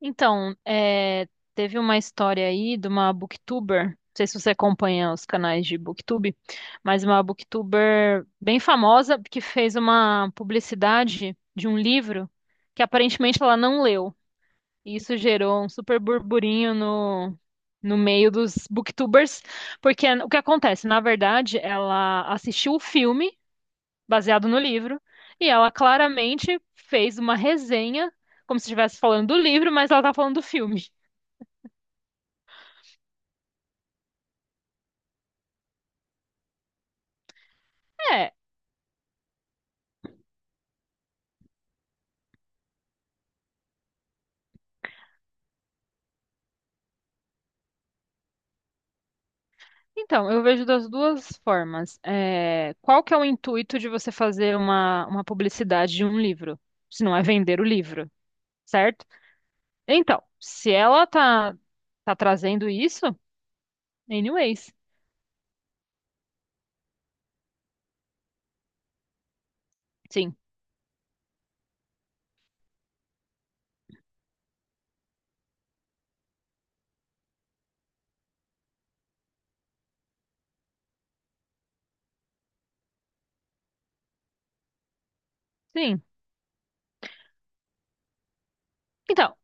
Então, teve uma história aí de uma booktuber, não sei se você acompanha os canais de booktube, mas uma booktuber bem famosa que fez uma publicidade de um livro que aparentemente ela não leu. E isso gerou um super burburinho no meio dos booktubers, porque o que acontece? Na verdade, ela assistiu o filme baseado no livro, e ela claramente fez uma resenha, como se estivesse falando do livro, mas ela tá falando do filme. É, então, eu vejo das duas formas. Qual que é o intuito de você fazer uma publicidade de um livro, se não é vender o livro, certo? Então, se ela tá trazendo isso, anyways, sim, sim. Então,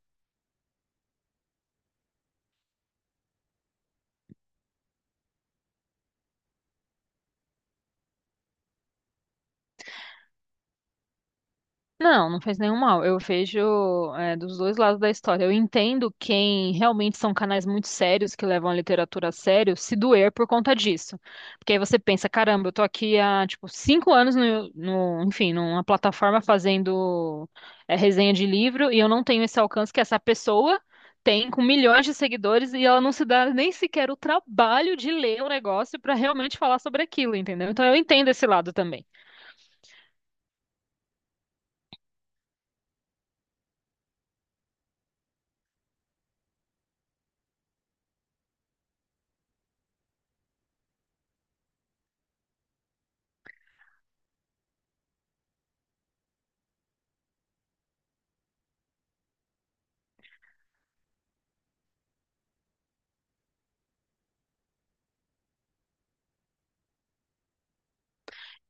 não, não faz nenhum mal. Eu vejo, dos dois lados da história. Eu entendo quem realmente são canais muito sérios que levam a literatura a sério se doer por conta disso. Porque aí você pensa, caramba, eu tô aqui há, tipo, 5 anos enfim, numa plataforma fazendo, resenha de livro e eu não tenho esse alcance que essa pessoa tem com milhões de seguidores e ela não se dá nem sequer o trabalho de ler o negócio pra realmente falar sobre aquilo, entendeu? Então eu entendo esse lado também.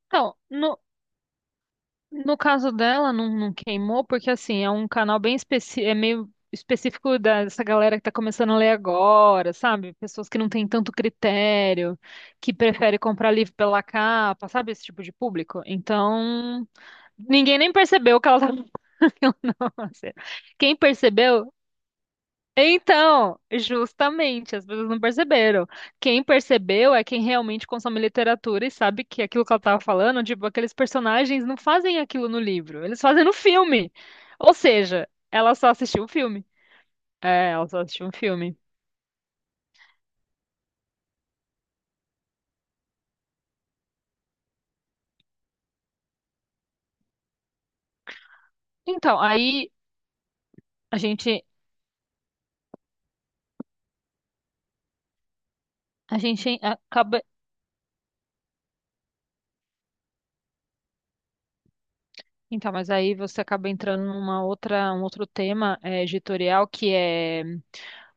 Então, no caso dela, não, não queimou, porque assim, é um canal bem específico, é meio específico dessa galera que tá começando a ler agora, sabe? Pessoas que não têm tanto critério, que prefere comprar livro pela capa, sabe? Esse tipo de público. Então, ninguém nem percebeu que ela tava fazendo, não, assim. Quem percebeu, então, justamente, as pessoas não perceberam. Quem percebeu é quem realmente consome literatura e sabe que aquilo que ela estava falando, tipo, aqueles personagens não fazem aquilo no livro, eles fazem no filme. Ou seja, ela só assistiu o filme. Ela só assistiu um filme. Então, aí a gente, a gente acaba. Então, mas aí você acaba entrando numa outra, um outro tema editorial, que é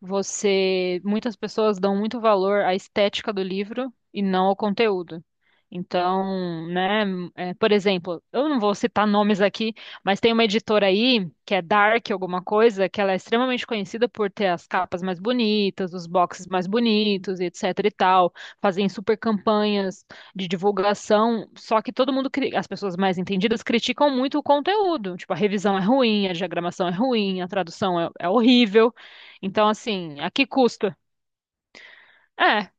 você, muitas pessoas dão muito valor à estética do livro e não ao conteúdo. Então, né, por exemplo, eu não vou citar nomes aqui, mas tem uma editora aí que é Dark alguma coisa, que ela é extremamente conhecida por ter as capas mais bonitas, os boxes mais bonitos, etc e tal, fazem super campanhas de divulgação, só que todo mundo, as pessoas mais entendidas criticam muito o conteúdo. Tipo, a revisão é ruim, a diagramação é ruim, a tradução é horrível. Então, assim, a que custa? É.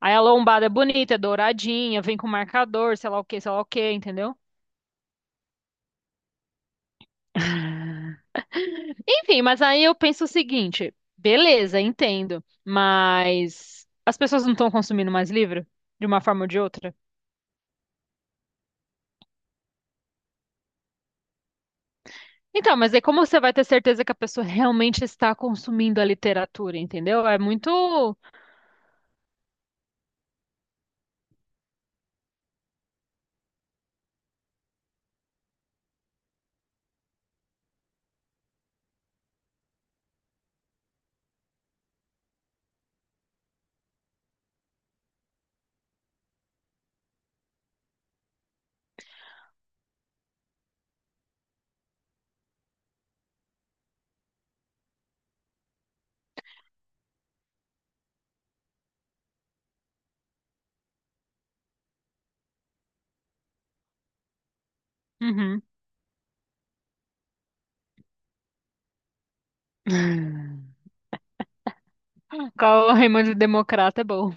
Aí a lombada é bonita, é douradinha, vem com marcador, sei lá o que, sei lá o que, entendeu? Enfim, mas aí eu penso o seguinte, beleza, entendo, mas as pessoas não estão consumindo mais livro de uma forma ou de outra? Então, mas aí como você vai ter certeza que a pessoa realmente está consumindo a literatura, entendeu? É muito. Uhum. Qual o Raimundo Democrata é bom.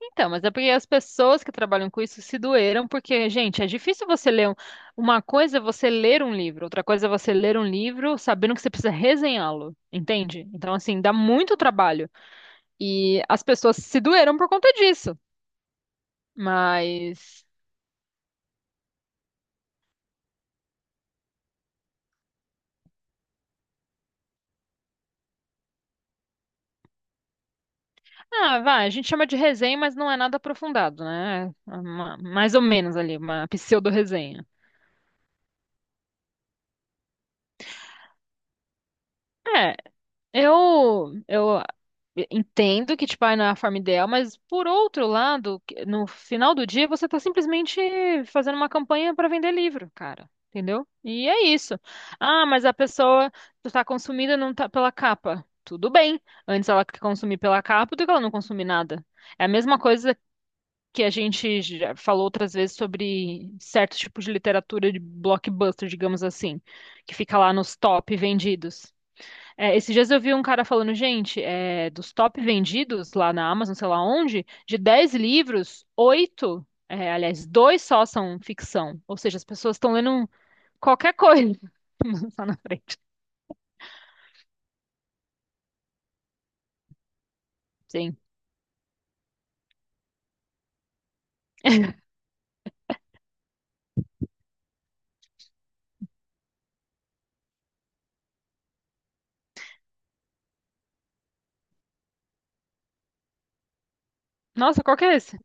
Então, mas é porque as pessoas que trabalham com isso se doeram, porque, gente, é difícil você ler uma coisa é você ler um livro, outra coisa é você ler um livro sabendo que você precisa resenhá-lo, entende? Então, assim, dá muito trabalho. E as pessoas se doeram por conta disso. Mas, ah, vai, a gente chama de resenha, mas não é nada aprofundado, né? Mais ou menos ali, uma pseudo-resenha. É, eu entendo que, tipo, ah, não é a forma ideal, mas por outro lado, no final do dia, você tá simplesmente fazendo uma campanha para vender livro, cara. Entendeu? E é isso. Ah, mas a pessoa tá consumida não tá pela capa. Tudo bem. Antes ela consumir pela capa do que ela não consumir nada. É a mesma coisa que a gente já falou outras vezes sobre certos tipos de literatura de blockbuster, digamos assim, que fica lá nos top vendidos. Esses dias eu vi um cara falando, gente, dos top vendidos lá na Amazon, sei lá onde, de 10 livros, 8, aliás, dois só são ficção. Ou seja, as pessoas estão lendo qualquer coisa lá na frente. Sim. Nossa, qual que é esse?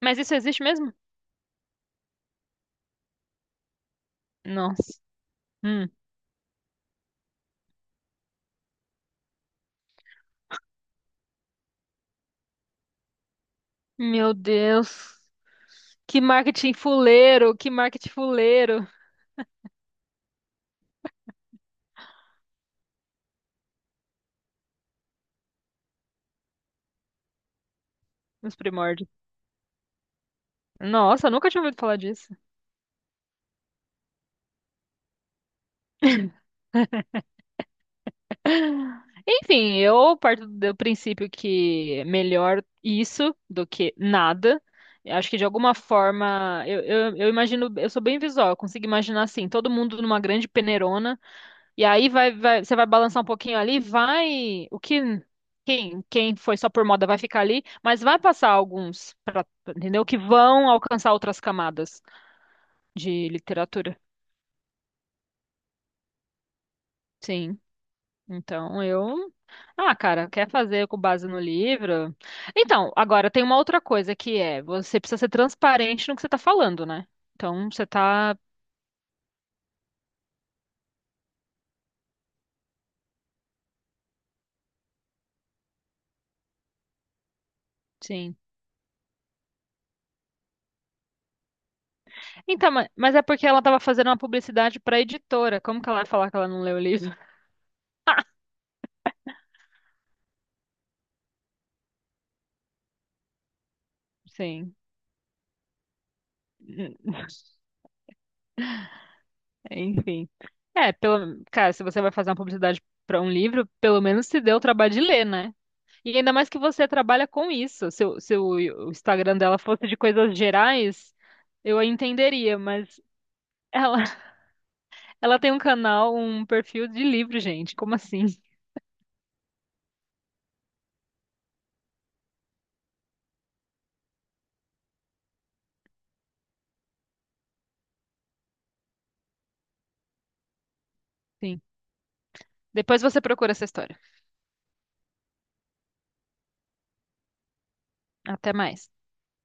Mas isso existe mesmo? Nossa. Hum. Meu Deus. Que marketing fuleiro, que marketing fuleiro. Nos primórdios. Nossa, eu nunca tinha ouvido falar disso. Enfim, eu parto do princípio que é melhor isso do que nada. Eu acho que de alguma forma, eu imagino, eu sou bem visual, eu consigo imaginar assim, todo mundo numa grande peneirona, e aí vai, você vai balançar um pouquinho ali, vai, o que, quem foi só por moda vai ficar ali, mas vai passar alguns, pra, entendeu? Que vão alcançar outras camadas de literatura. Sim, então eu ah, cara, quer fazer com base no livro? Então, agora tem uma outra coisa que é, você precisa ser transparente no que você tá falando, né? Então, você tá, sim. Então, mas é porque ela tava fazendo uma publicidade pra editora. Como que ela vai falar que ela não leu o livro? Sim. Enfim. Pelo, cara, se você vai fazer uma publicidade pra um livro, pelo menos se deu o trabalho de ler, né? E ainda mais que você trabalha com isso. Se o Instagram dela fosse de coisas gerais, eu a entenderia, mas ela Ela tem um canal, um perfil de livro, gente. Como assim? Sim. Depois você procura essa história. Até mais.